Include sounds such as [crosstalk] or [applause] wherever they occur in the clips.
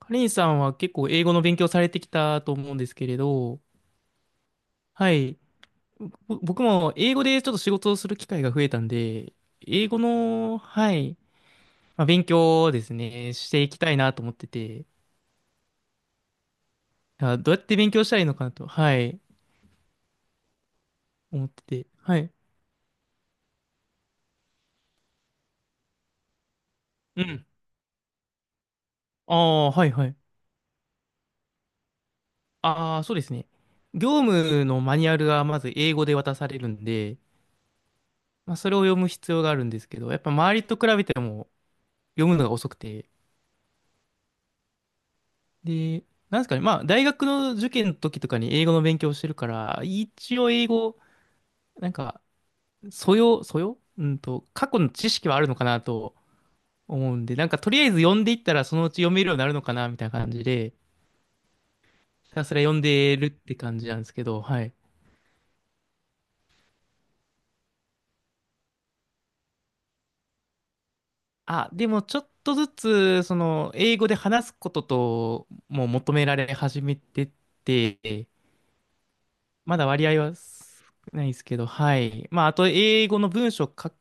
カレンさんは結構英語の勉強されてきたと思うんですけれど、はい。僕も英語でちょっと仕事をする機会が増えたんで、英語の、はい、まあ、勉強をですね、していきたいなと思ってて、あ、どうやって勉強したらいいのかなと、はい、思ってて、はい。うん。ああ、はいはい。ああ、そうですね。業務のマニュアルがまず英語で渡されるんで、まあ、それを読む必要があるんですけど、やっぱ周りと比べても読むのが遅くて、で、なんですかね、まあ、大学の受験の時とかに英語の勉強してるから、一応英語、なんか、素養、過去の知識はあるのかなと思うんで、なんか、とりあえず読んでいったら、そのうち読めるようになるのかな、みたいな感じで、ひたすら読んでるって感じなんですけど、はい。あ、でも、ちょっとずつ、その、英語で話すことと、もう求められ始めてて、まだ割合は少ないですけど、はい。まあ、あと、英語の文章書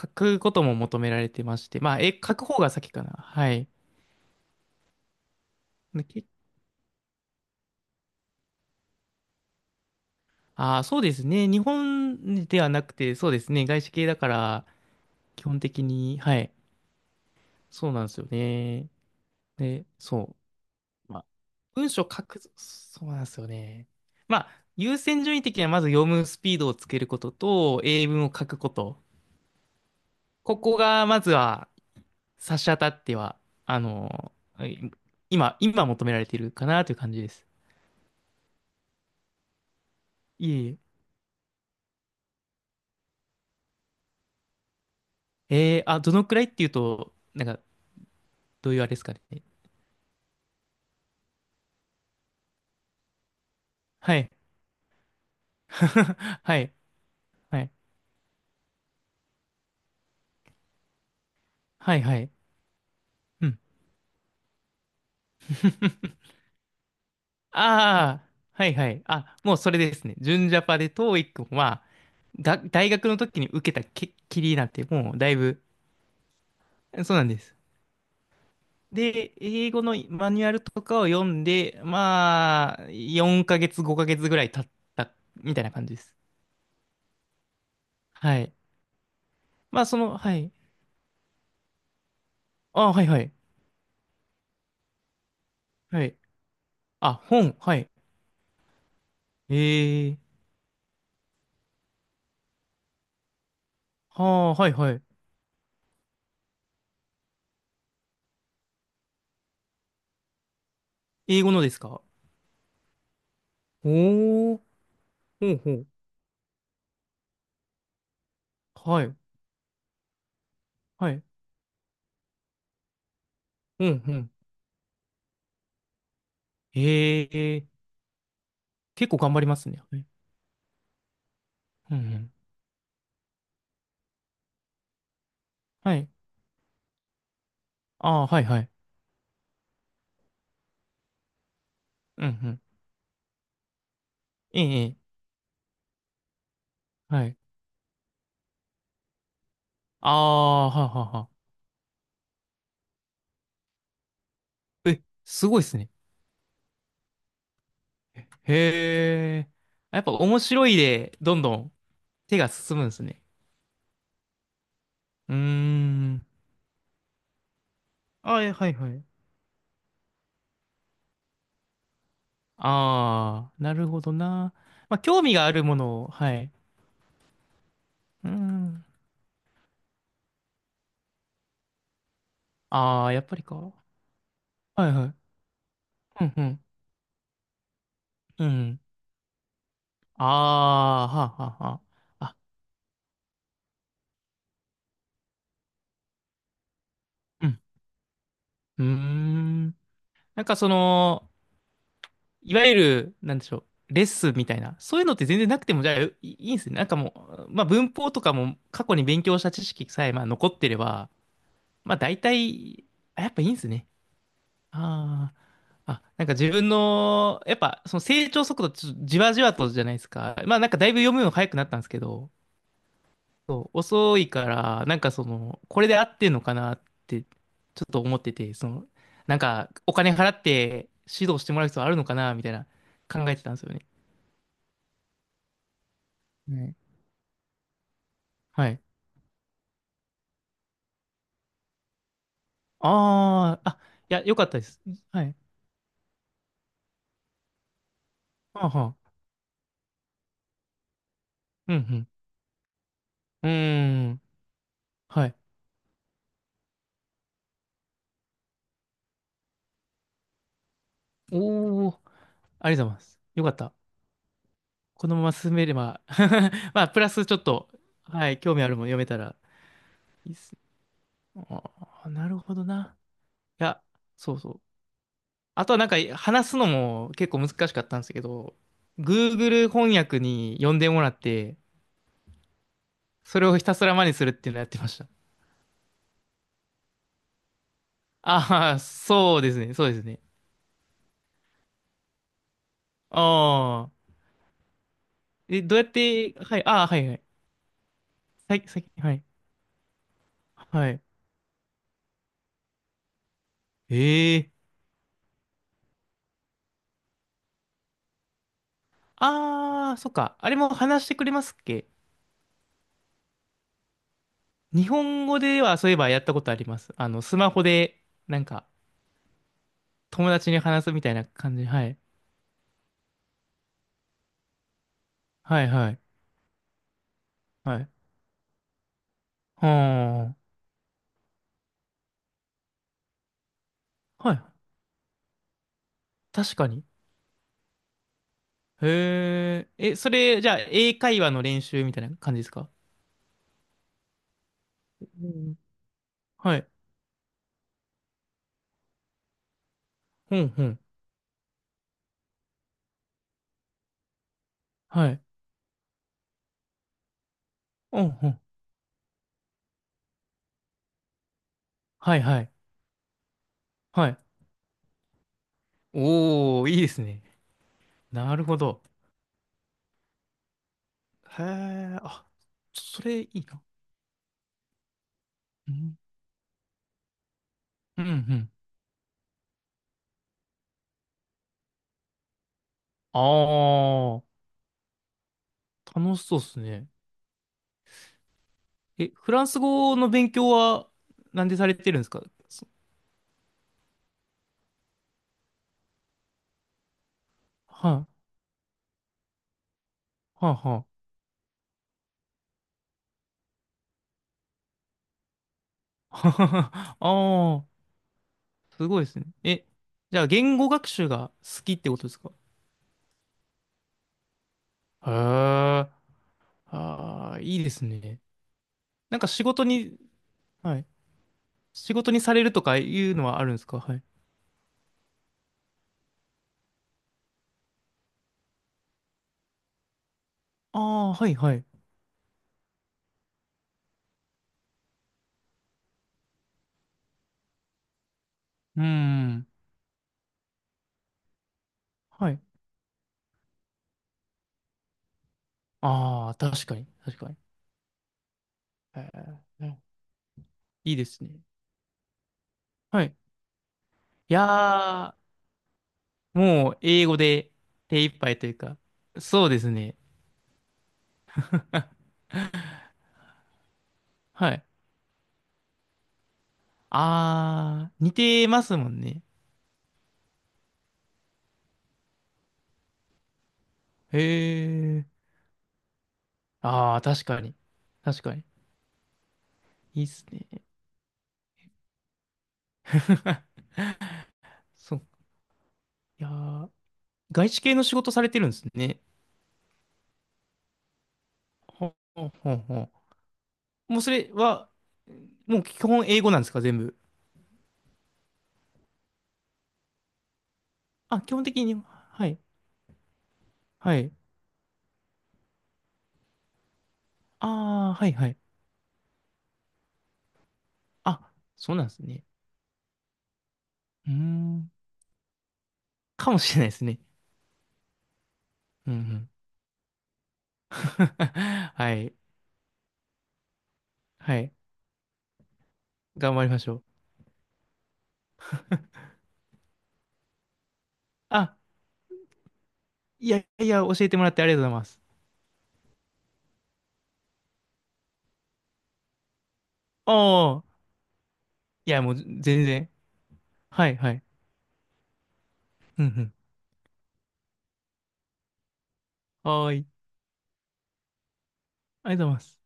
書くことも求められてまして、まあ、え、書く方が先かな。はい。でけああ、そうですね。日本ではなくて、そうですね。外資系だから、基本的に、はい。そうなんですよね。で、そう。まあ、文章書く、そうなんですよね。まあ、優先順位的にはまず読むスピードをつけることと、英文を書くこと。ここが、まずは、差し当たっては、あの、はい今、今求められているかなという感じです。いえいえ。あ、どのくらいっていうと、なんか、どういうあれですかね。はい。[laughs] はい。はい。はい。はい。うん。ああ、はい。はい。あ、もうそれですね。純ジャパで TOEIC は、が、大学の時に受けたきりなんて、もうだいぶ、そうなんです。で、英語のマニュアルとかを読んで、まあ、4ヶ月、5ヶ月ぐらい経った、みたいな感じです。はい。まあ、その、はい。あ、はいはい。はい。あ、本、はい。ええああ、はいはい。英語のですか？おー、ほうほう。はい、はい。うん、うん。ええ、結構頑張りますね。はい。うん、うん。はい。ああ、はい、はい。うん、うん。ええ、ええはい。ああ、はあはあはあ。え、すごいですね。へえ。やっぱ面白いで、どんどん手が進むんですね。うーん。あえはい、はい。ああ、なるほどな。まあ、興味があるものを、はい。うーん。ああ、やっぱりか。はいはい。うんうん。うん。ああ、はあ、はあ、はあ。あ、うん。うーん。なんかその、いわゆる、なんでしょう、レッスンみたいな、そういうのって全然なくても、じゃあ、いいんですね。なんかもう、まあ文法とかも過去に勉強した知識さえ、まあ残ってれば、まあ大体、あ、やっぱいいんですね。ああ。あ、なんか自分の、やっぱその成長速度、ちょっとじわじわとじゃないですか。まあなんかだいぶ読むの早くなったんですけど、そう、遅いから、なんかその、これで合ってんのかなって、ちょっと思ってて、その、なんか、お金払って指導してもらう必要あるのかな、みたいな、考えてたんですよね。はい。はい。ああ、あ、いや、よかったです。はい。はあはあ。うん、うん。うーん。はい。おお、ありがとうございます。よかった。このまま進めれば [laughs] まあ、プラスちょっと、はい、興味あるもの読めたらいいっす。ああ、なるほどな。いや、そうそう。あとはなんか話すのも結構難しかったんですけど、Google 翻訳に呼んでもらって、それをひたすら真似するっていうのをやってました。ああ、そうですね、そうですね。ああ。え、どうやって、はい、ああ、はいはい。はい、さっき、はい、はい。ええああ、そっか。あれも話してくれますっけ？日本語ではそういえばやったことあります。あの、スマホで、なんか、友達に話すみたいな感じ。はい。はい、はい、はい。はあ、はい。確かに。へえ、え、それ、じゃあ、英会話の練習みたいな感じですか？うん。はい。うん、うん。はい。うん、うん。はい、はい。はい。おー、いいですね。なるほど。へえ、あ、それいいな。うん、うん、うん。あー、楽しそうですね。え、フランス語の勉強は、なんでされてるんですか？そはい、はい、はい。[laughs] あー、すごいですね。え、じゃあ、言語学習が好きってことですか？へえ。ああ、いいですね。なんか仕事に、はい。仕事にされるとかいうのはあるんですか？はい。ああ、はい、はい。うーん。はい。ああ、確かに、確かに。えーいいですね。はい。いやー、もう英語で手一杯というか、そうですね。はい。ああ、似てますもんね。へえ。ああ、確かに。確かに。いいっすね。[laughs] そう。いやー、外資系の仕事されてるんですね。ほうほうほう。もうそれは、もう基本英語なんですか、全部。あ、基本的に、はい、はい。ああ、はい、はい。あ、そうなんですね。うーん、かもしれないですね。うん、うん。[laughs] はい、はい。頑張りましょう。あ、いやいや、教えてもらってありがとうございます。ああ、いや、もう全然。はい、はい。うん、うん。はーい。ありがとうございます。